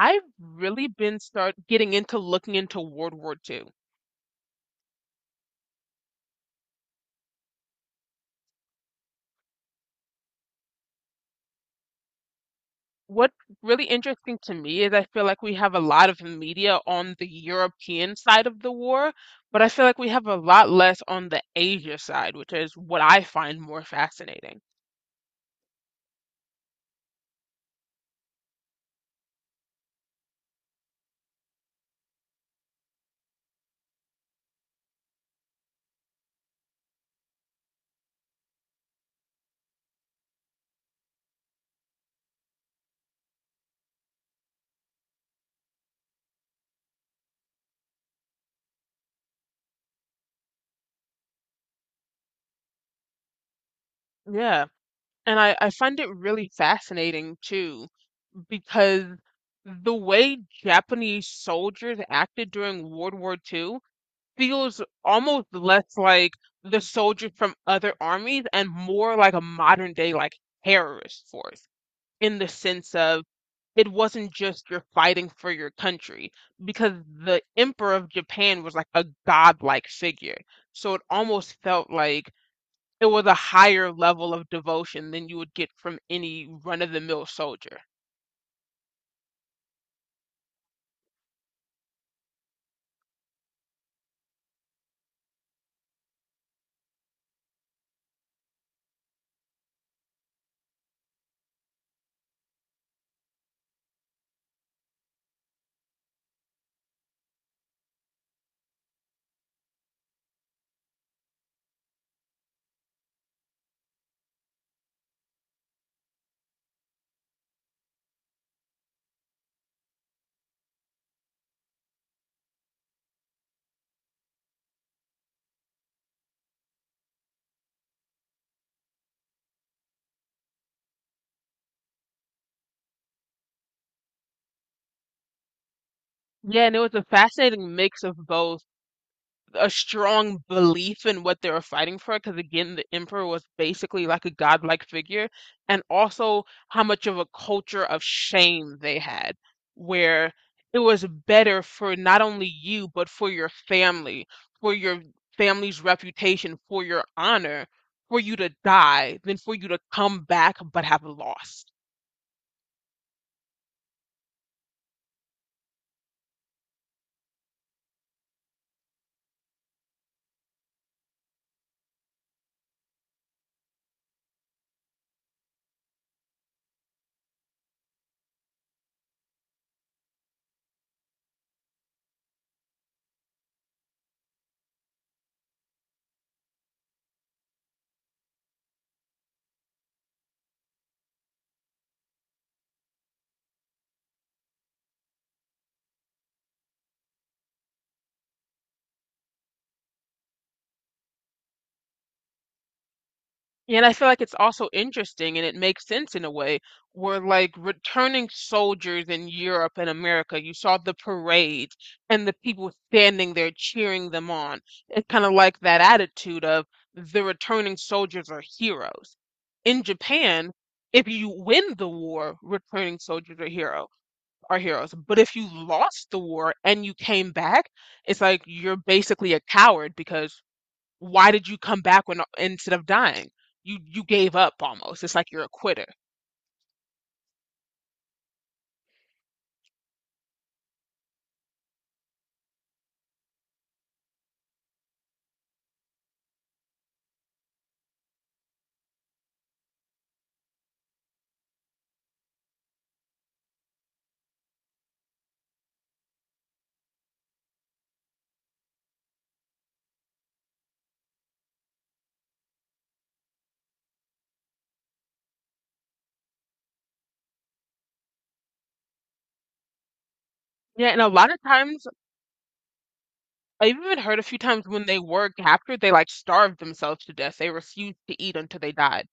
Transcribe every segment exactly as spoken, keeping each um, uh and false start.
I've really been start getting into looking into World War Two. What's really interesting to me is I feel like we have a lot of media on the European side of the war, but I feel like we have a lot less on the Asia side, which is what I find more fascinating. Yeah. And I, I find it really fascinating too, because the way Japanese soldiers acted during World War Two feels almost less like the soldiers from other armies and more like a modern day like terrorist force, in the sense of it wasn't just you're fighting for your country, because the Emperor of Japan was like a godlike figure. So it almost felt like it was a higher level of devotion than you would get from any run-of-the-mill soldier. Yeah, and it was a fascinating mix of both a strong belief in what they were fighting for, because again the emperor was basically like a godlike figure, and also how much of a culture of shame they had, where it was better for not only you but for your family, for your family's reputation, for your honor, for you to die than for you to come back but have lost. And I feel like it's also interesting, and it makes sense in a way, where, like, returning soldiers in Europe and America, you saw the parade and the people standing there cheering them on. It's kind of like that attitude of the returning soldiers are heroes. In Japan, if you win the war, returning soldiers are hero are heroes. But if you lost the war and you came back, it's like you're basically a coward, because why did you come back when instead of dying? You you gave up almost. It's like you're a quitter. Yeah, and a lot of times I've even heard a few times when they were captured, they like starved themselves to death. They refused to eat until they died.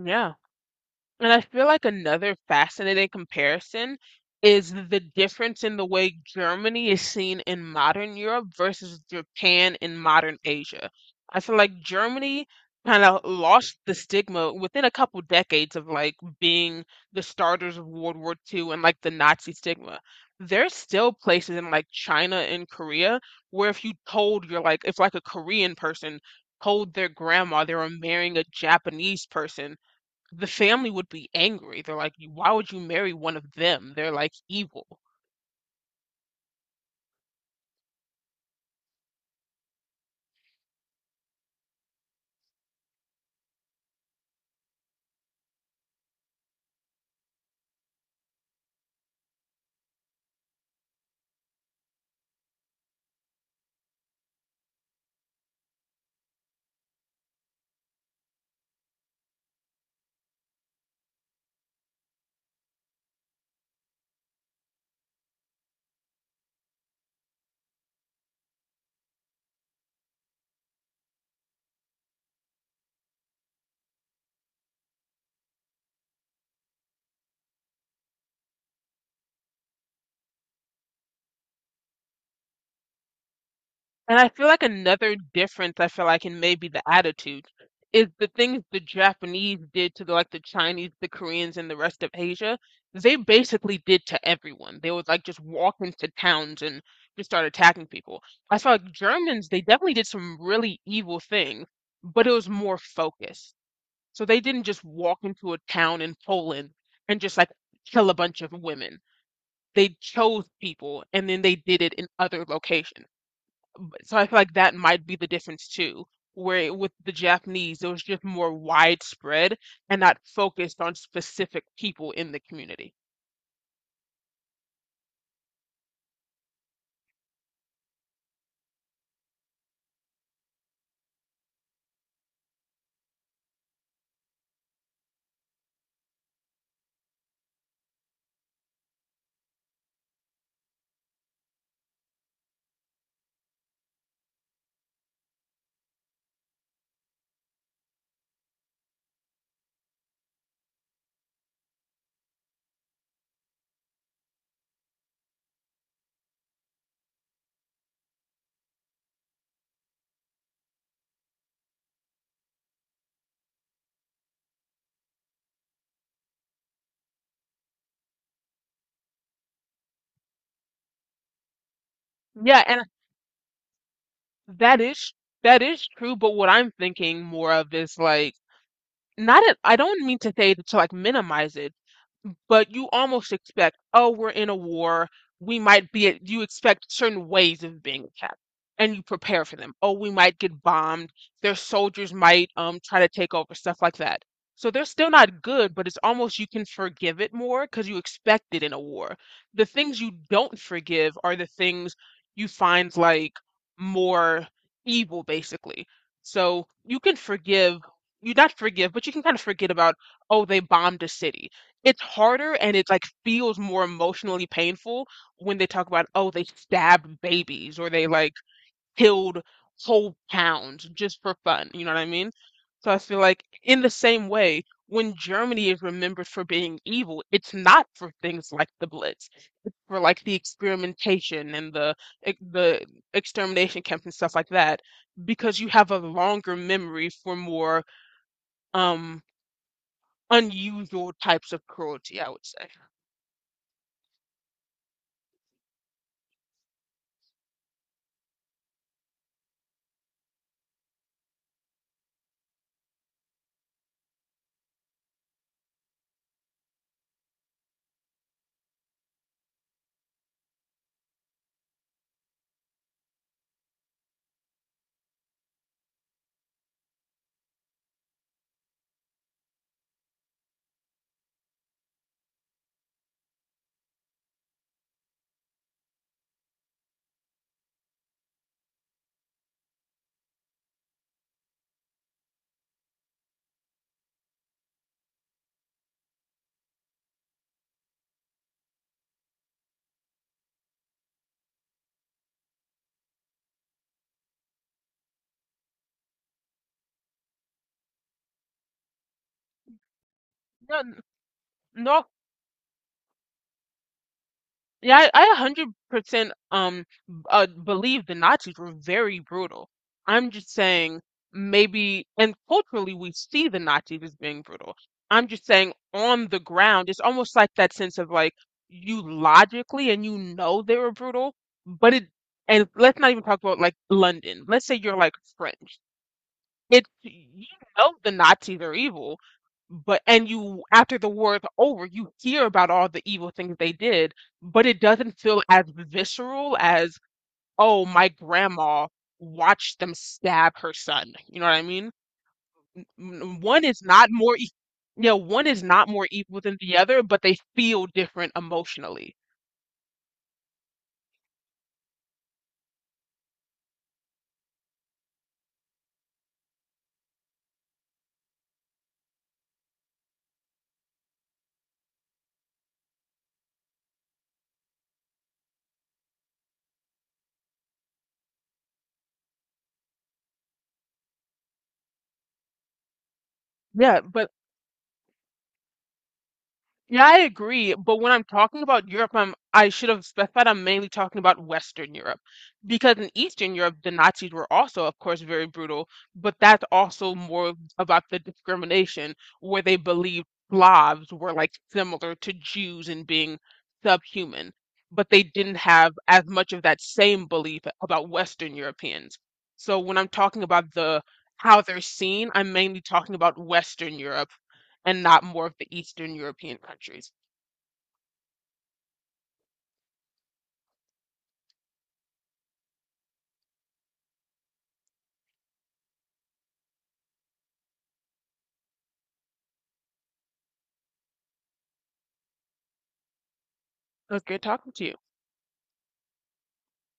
Yeah. And I feel like another fascinating comparison is the difference in the way Germany is seen in modern Europe versus Japan in modern Asia. I feel like Germany kind of lost the stigma within a couple decades of like being the starters of World War Two and like the Nazi stigma. There's still places in like China and Korea where, if you told, you're like, if like a Korean person told their grandma they were marrying a Japanese person, the family would be angry. They're like, why would you marry one of them? They're like evil. And I feel like another difference I feel like in maybe the attitude is the things the Japanese did to the, like the Chinese, the Koreans, and the rest of Asia. They basically did to everyone. They would like just walk into towns and just start attacking people. I feel like Germans, they definitely did some really evil things, but it was more focused. So they didn't just walk into a town in Poland and just like kill a bunch of women. They chose people, and then they did it in other locations. So I feel like that might be the difference too, where with the Japanese, it was just more widespread and not focused on specific people in the community. Yeah, and that is that is true, but what I'm thinking more of is like, not at, I don't mean to say to like minimize it. But you almost expect, oh, we're in a war. We might be at, you expect certain ways of being attacked, and you prepare for them. Oh, we might get bombed. Their soldiers might um try to take over, stuff like that. So they're still not good, but it's almost you can forgive it more because you expect it in a war. The things you don't forgive are the things you find like more evil, basically. So you can forgive, you not forgive, but you can kind of forget about, oh, they bombed a city. It's harder, and it like feels more emotionally painful when they talk about, oh, they stabbed babies or they like killed whole towns just for fun. You know what I mean? So I feel like, in the same way, when Germany is remembered for being evil, it's not for things like the Blitz, for like the experimentation and the ex- the extermination camps and stuff like that, because you have a longer memory for more um unusual types of cruelty, I would say. No, yeah, I, I one hundred percent um b- uh, believe the Nazis were very brutal. I'm just saying maybe, and culturally we see the Nazis as being brutal. I'm just saying, on the ground, it's almost like that sense of like, you logically and you know they were brutal, but it, and let's not even talk about like London. Let's say you're like French. It's, you know, the Nazis are evil, but and you, after the war is over, you hear about all the evil things they did, but it doesn't feel as visceral as, oh, my grandma watched them stab her son. You know what I mean? N- One is not more, e- yeah, one is not more evil than the other, but they feel different emotionally. Yeah, but, yeah, I agree. But when I'm talking about Europe, I'm, I should have specified I'm mainly talking about Western Europe. Because in Eastern Europe, the Nazis were also, of course, very brutal, but that's also more about the discrimination, where they believed Slavs were like similar to Jews in being subhuman. But they didn't have as much of that same belief about Western Europeans. So when I'm talking about the how they're seen, I'm mainly talking about Western Europe and not more of the Eastern European countries. It was good talking to you.